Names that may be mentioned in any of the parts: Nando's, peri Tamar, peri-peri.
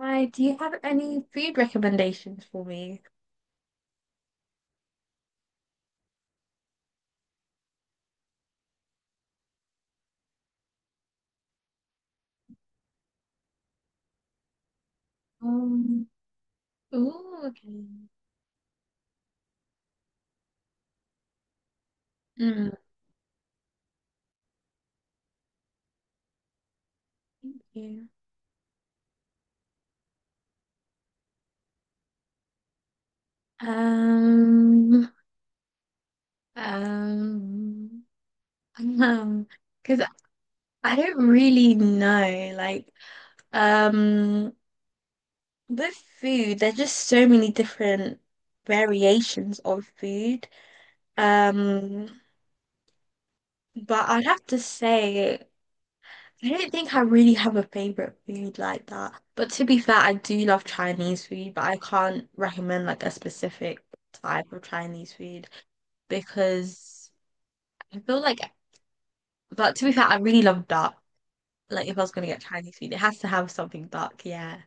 Hi, do you have any food recommendations for me? Um, Ooh, okay. Mm, thank you. Um, um, um, because I don't really know. Um, with food, there's just so many different variations of food. Um, but I'd have to say. I don't think I really have a favorite food like that. But to be fair, I do love Chinese food, but I can't recommend like a specific type of Chinese food because I feel like, but to be fair, I really love duck. Like if I was gonna get Chinese food, it has to have something duck. Yeah.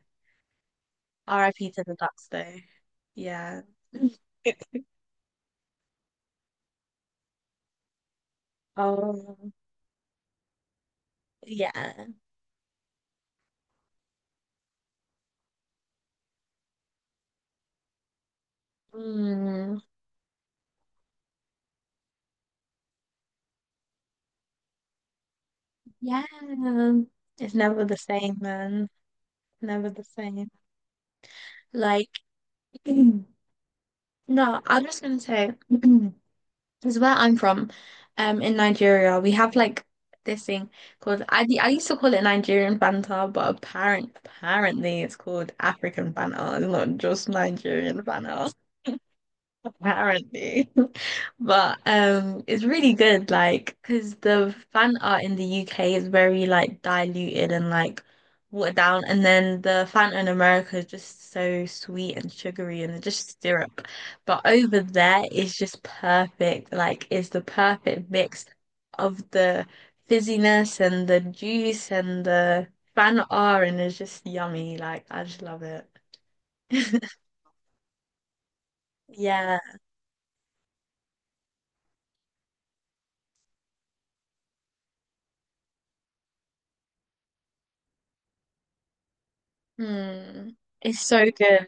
RIP to the ducks though. Yeah. Oh, yeah. Mm, yeah. It's never the same, man. Never the same. Like, no, I was just gonna say, because where I'm from, in Nigeria, we have like this thing called I used to call it Nigerian banter, but apparently it's called African banter. It's not just Nigerian banter apparently. But it's really good like because the fan art in the UK is very like diluted and like watered down, and then the fan art in America is just so sweet and sugary and just syrup. But over there it's just perfect. Like it's the perfect mix of the fizziness and the juice and the fan art, and it's just yummy. Like I just love it. Yeah. Hmm. It's so good.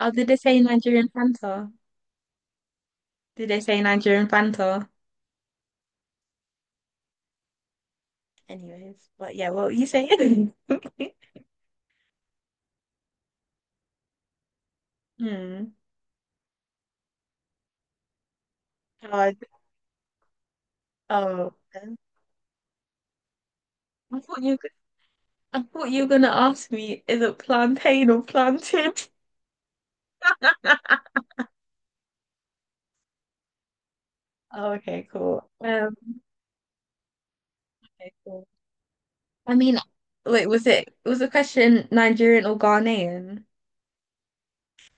Oh, did they say Nigerian Fanta? Did they say Nigerian Fanta? Anyways, but yeah, what were you saying? Hmm. God. Oh, okay. I thought you. I thought you were gonna ask me, is it plantain or plantain? Oh, okay, cool. Okay, cool. I mean, wait, was the question Nigerian or Ghanaian?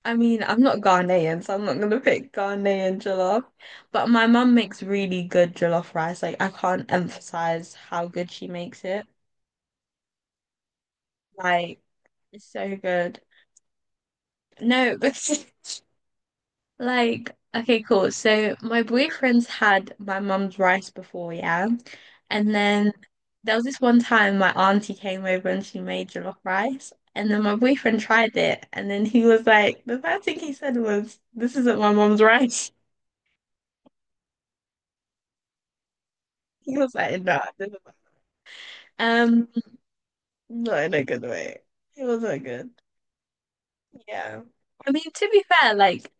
I mean, I'm not Ghanaian, so I'm not gonna pick Ghanaian jollof. But my mum makes really good jollof rice. Like I can't emphasize how good she makes it. Like it's so good. No, because like okay, cool. So my boyfriend's had my mum's rice before, yeah. And then there was this one time my auntie came over and she made jollof rice. And then my boyfriend tried it, and then he was like, the first thing he said was, "This isn't my mum's rice." He was like, no, this is um, not in a good way. It wasn't good. Yeah. I mean, to be fair, like,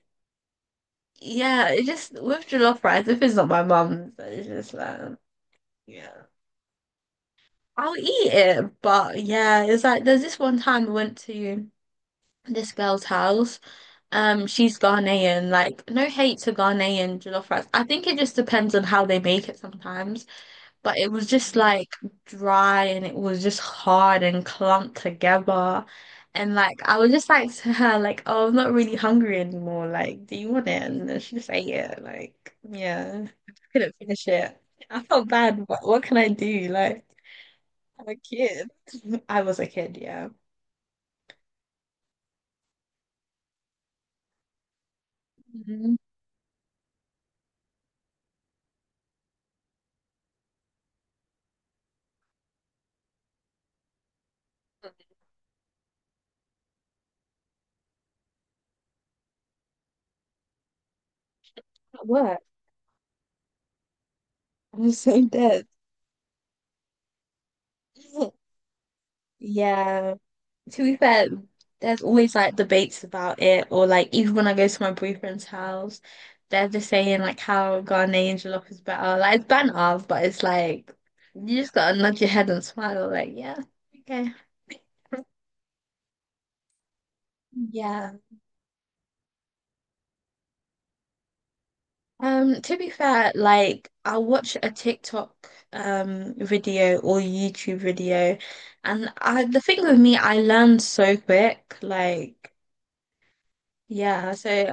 yeah, it just with jollof rice, if it's not my mum's, it's just like, yeah, I'll eat it. But yeah, it's like there's this one time I went to this girl's house. She's Ghanaian. Like, no hate to Ghanaian jollof rice. I think it just depends on how they make it sometimes. But it was just like dry, and it was just hard and clumped together. And like I was just like to her, like, oh, I'm not really hungry anymore. Like, do you want it? And then she just ate it. Like, yeah, I just couldn't finish it. I felt bad, but what can I do? Like, I'm a kid. I was a kid, yeah. Mhm. At work, I'm so dead. Yeah. To be fair, there's always like debates about it, or like even when I go to my boyfriend's house, they're just saying like how Ghanaian jollof is better. Like it's banter, but it's like you just gotta nod your head and smile. Like yeah, okay, yeah. To be fair, like I watch a TikTok video or YouTube video, and I the thing with me, I learn so quick. Like yeah, so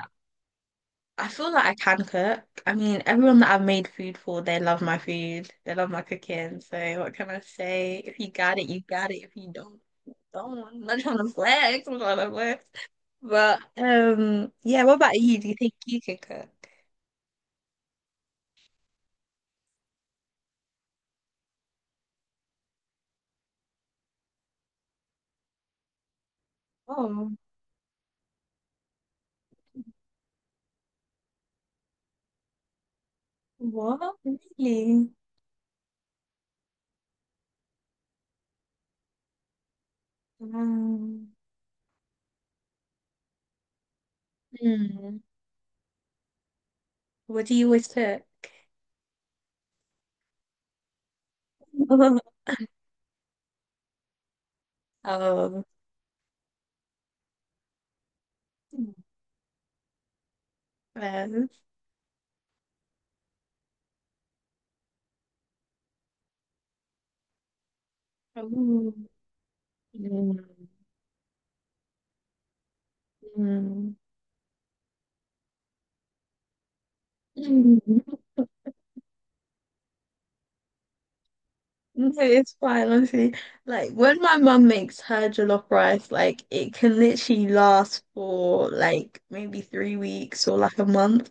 I feel like I can cook. I mean, everyone that I've made food for, they love my food. They love my cooking. So what can I say? If you got it, you got it. If you don't, you don't. I'm not trying to flex. I'm not trying to flex. But yeah. What about you? Do you think you can cook? Oh, what? Really? Um, hmm. What do you always cook? Oh, yes. Oh. Mm. Mm. No, it's fine, honestly. Like when my mum makes her jollof rice, like it can literally last for like maybe three weeks or like a month.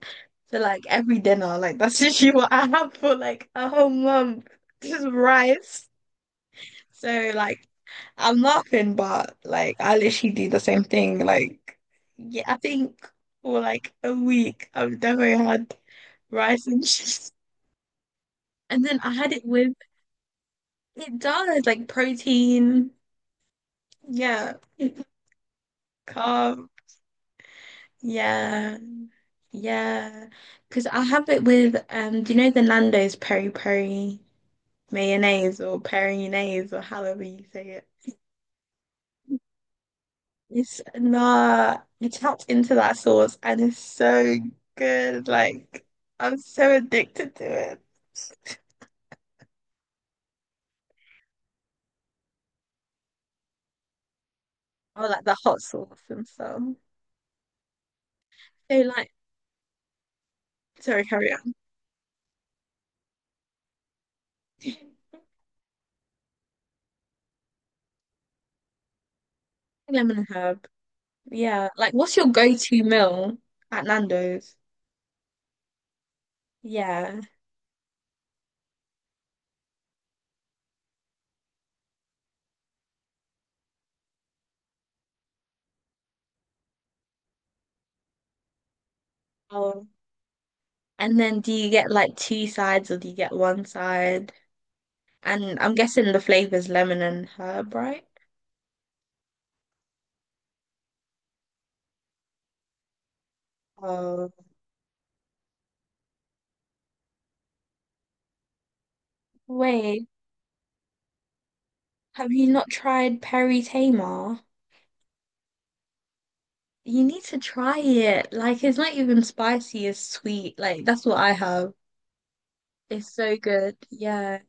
So like every dinner, like that's literally what I have for like a whole month. Just rice. So like I'm laughing, but like I literally do the same thing. Like yeah, I think for like a week I've never had rice and cheese. And then I had it with it does like protein. Yeah. Calm. Yeah. Yeah. Because I have it with, do you know the Nando's peri peri mayonnaise or peri-nase or however you say it? It's nah, you tapped into that sauce and it's so good. Like, I'm so addicted to it. Or like the hot sauce and stuff. So like, sorry, carry on. Lemon and herb. Yeah. Like, what's your go-to meal at Nando's? Yeah. Oh. And then do you get like two sides or do you get one side? And I'm guessing the flavor's lemon and herb, right? Oh, wait, have you not tried peri Tamar? You need to try it. Like it's not even spicy, it's sweet. Like that's what I have. It's so good. Yeah.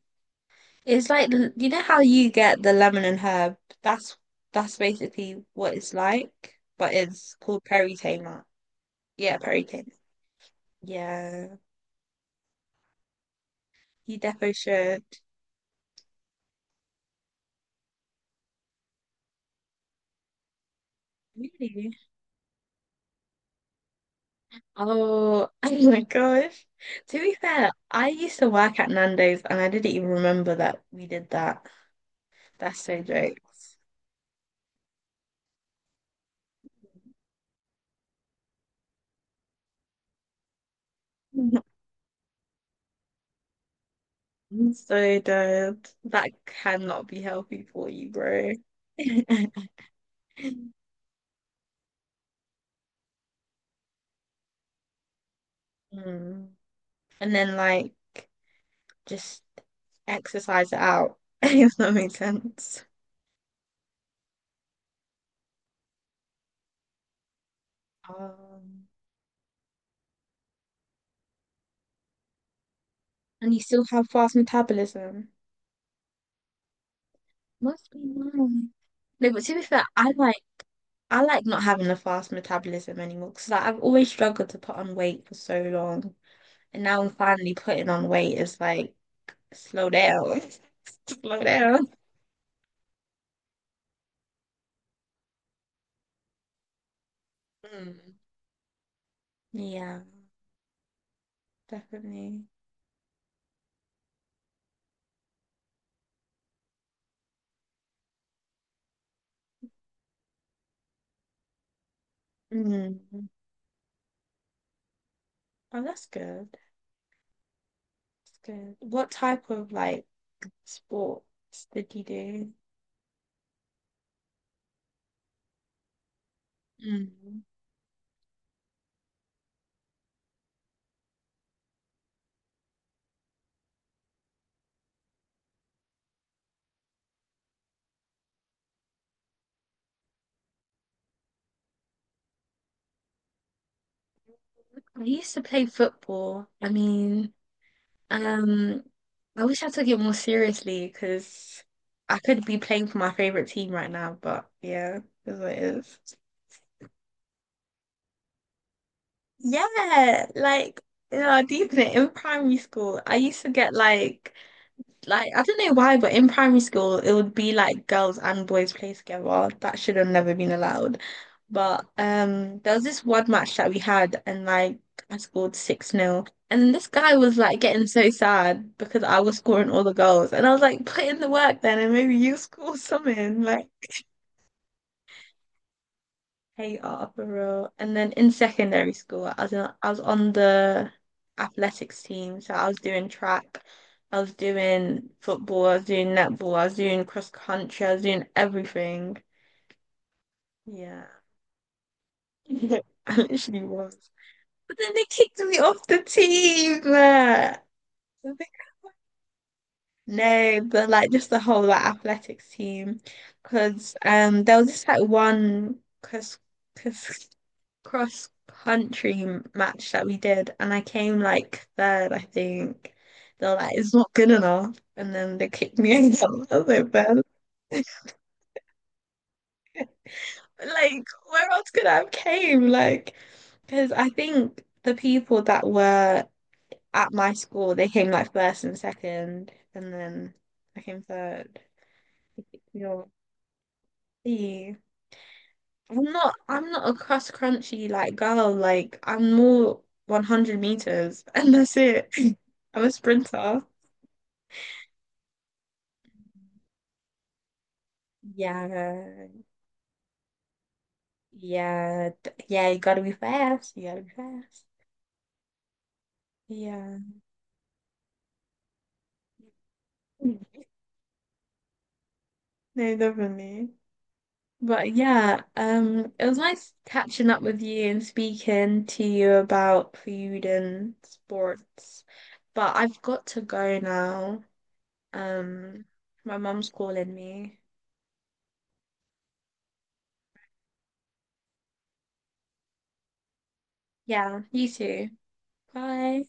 It's like you know how you get the lemon and herb? That's basically what it's like, but it's called peri Tamar. Yeah, peri Tamar. Yeah. You definitely should. Really? Oh, oh my gosh. To be fair, I used to work at Nando's and I didn't even remember that we did that. That's so jokes. I'm so dead. That cannot be healthy for you, bro. Mm. And then like just exercise it out, if that makes sense. Um, and you still have fast metabolism. Must be nice. No, but to be fair, I like not having a fast metabolism anymore because like, I've always struggled to put on weight for so long, and now I'm finally putting on weight. It's like slow down, slow down. Mm. Yeah, definitely. Mm. Oh, that's good. That's good. What type of like sports did you do? Mm. I used to play football. I mean. Um, I wish I took it more seriously because I could be playing for my favorite team right now, but yeah, it is what it is. Yeah, like, you know, deep in it, in primary school, I used to get like I don't know why, but in primary school it would be like girls and boys play together. That should have never been allowed. But there was this one match that we had, and like I scored 6 nil. And this guy was like getting so sad because I was scoring all the goals. And I was like, put in the work then and maybe you score something. Like Hey Attleboro. And then in secondary school, I was on the athletics team. So I was doing track, I was doing football, I was doing netball, I was doing cross country, I was doing everything. Yeah. I literally was. But then they kicked me off the team. I think No, but like just the whole like athletics team, because there was this like one cross cross country match that we did, and I came like third, I think. They're like, it's not good enough, and then they kicked me out. I was like, "Well," like where else could I have came? Like, because I think the people that were at my school, they came like first and second, and then I came third. You know. Yeah. I'm not a cross crunchy like girl. Like I'm more 100 meters and that's it. I'm a sprinter. Yeah. Yeah. Yeah, you gotta be fast. You gotta be fast. Yeah. Mm. No, definitely. But yeah, it was nice catching up with you and speaking to you about food and sports. But I've got to go now. Um, my mum's calling me. Yeah, you too. Bye.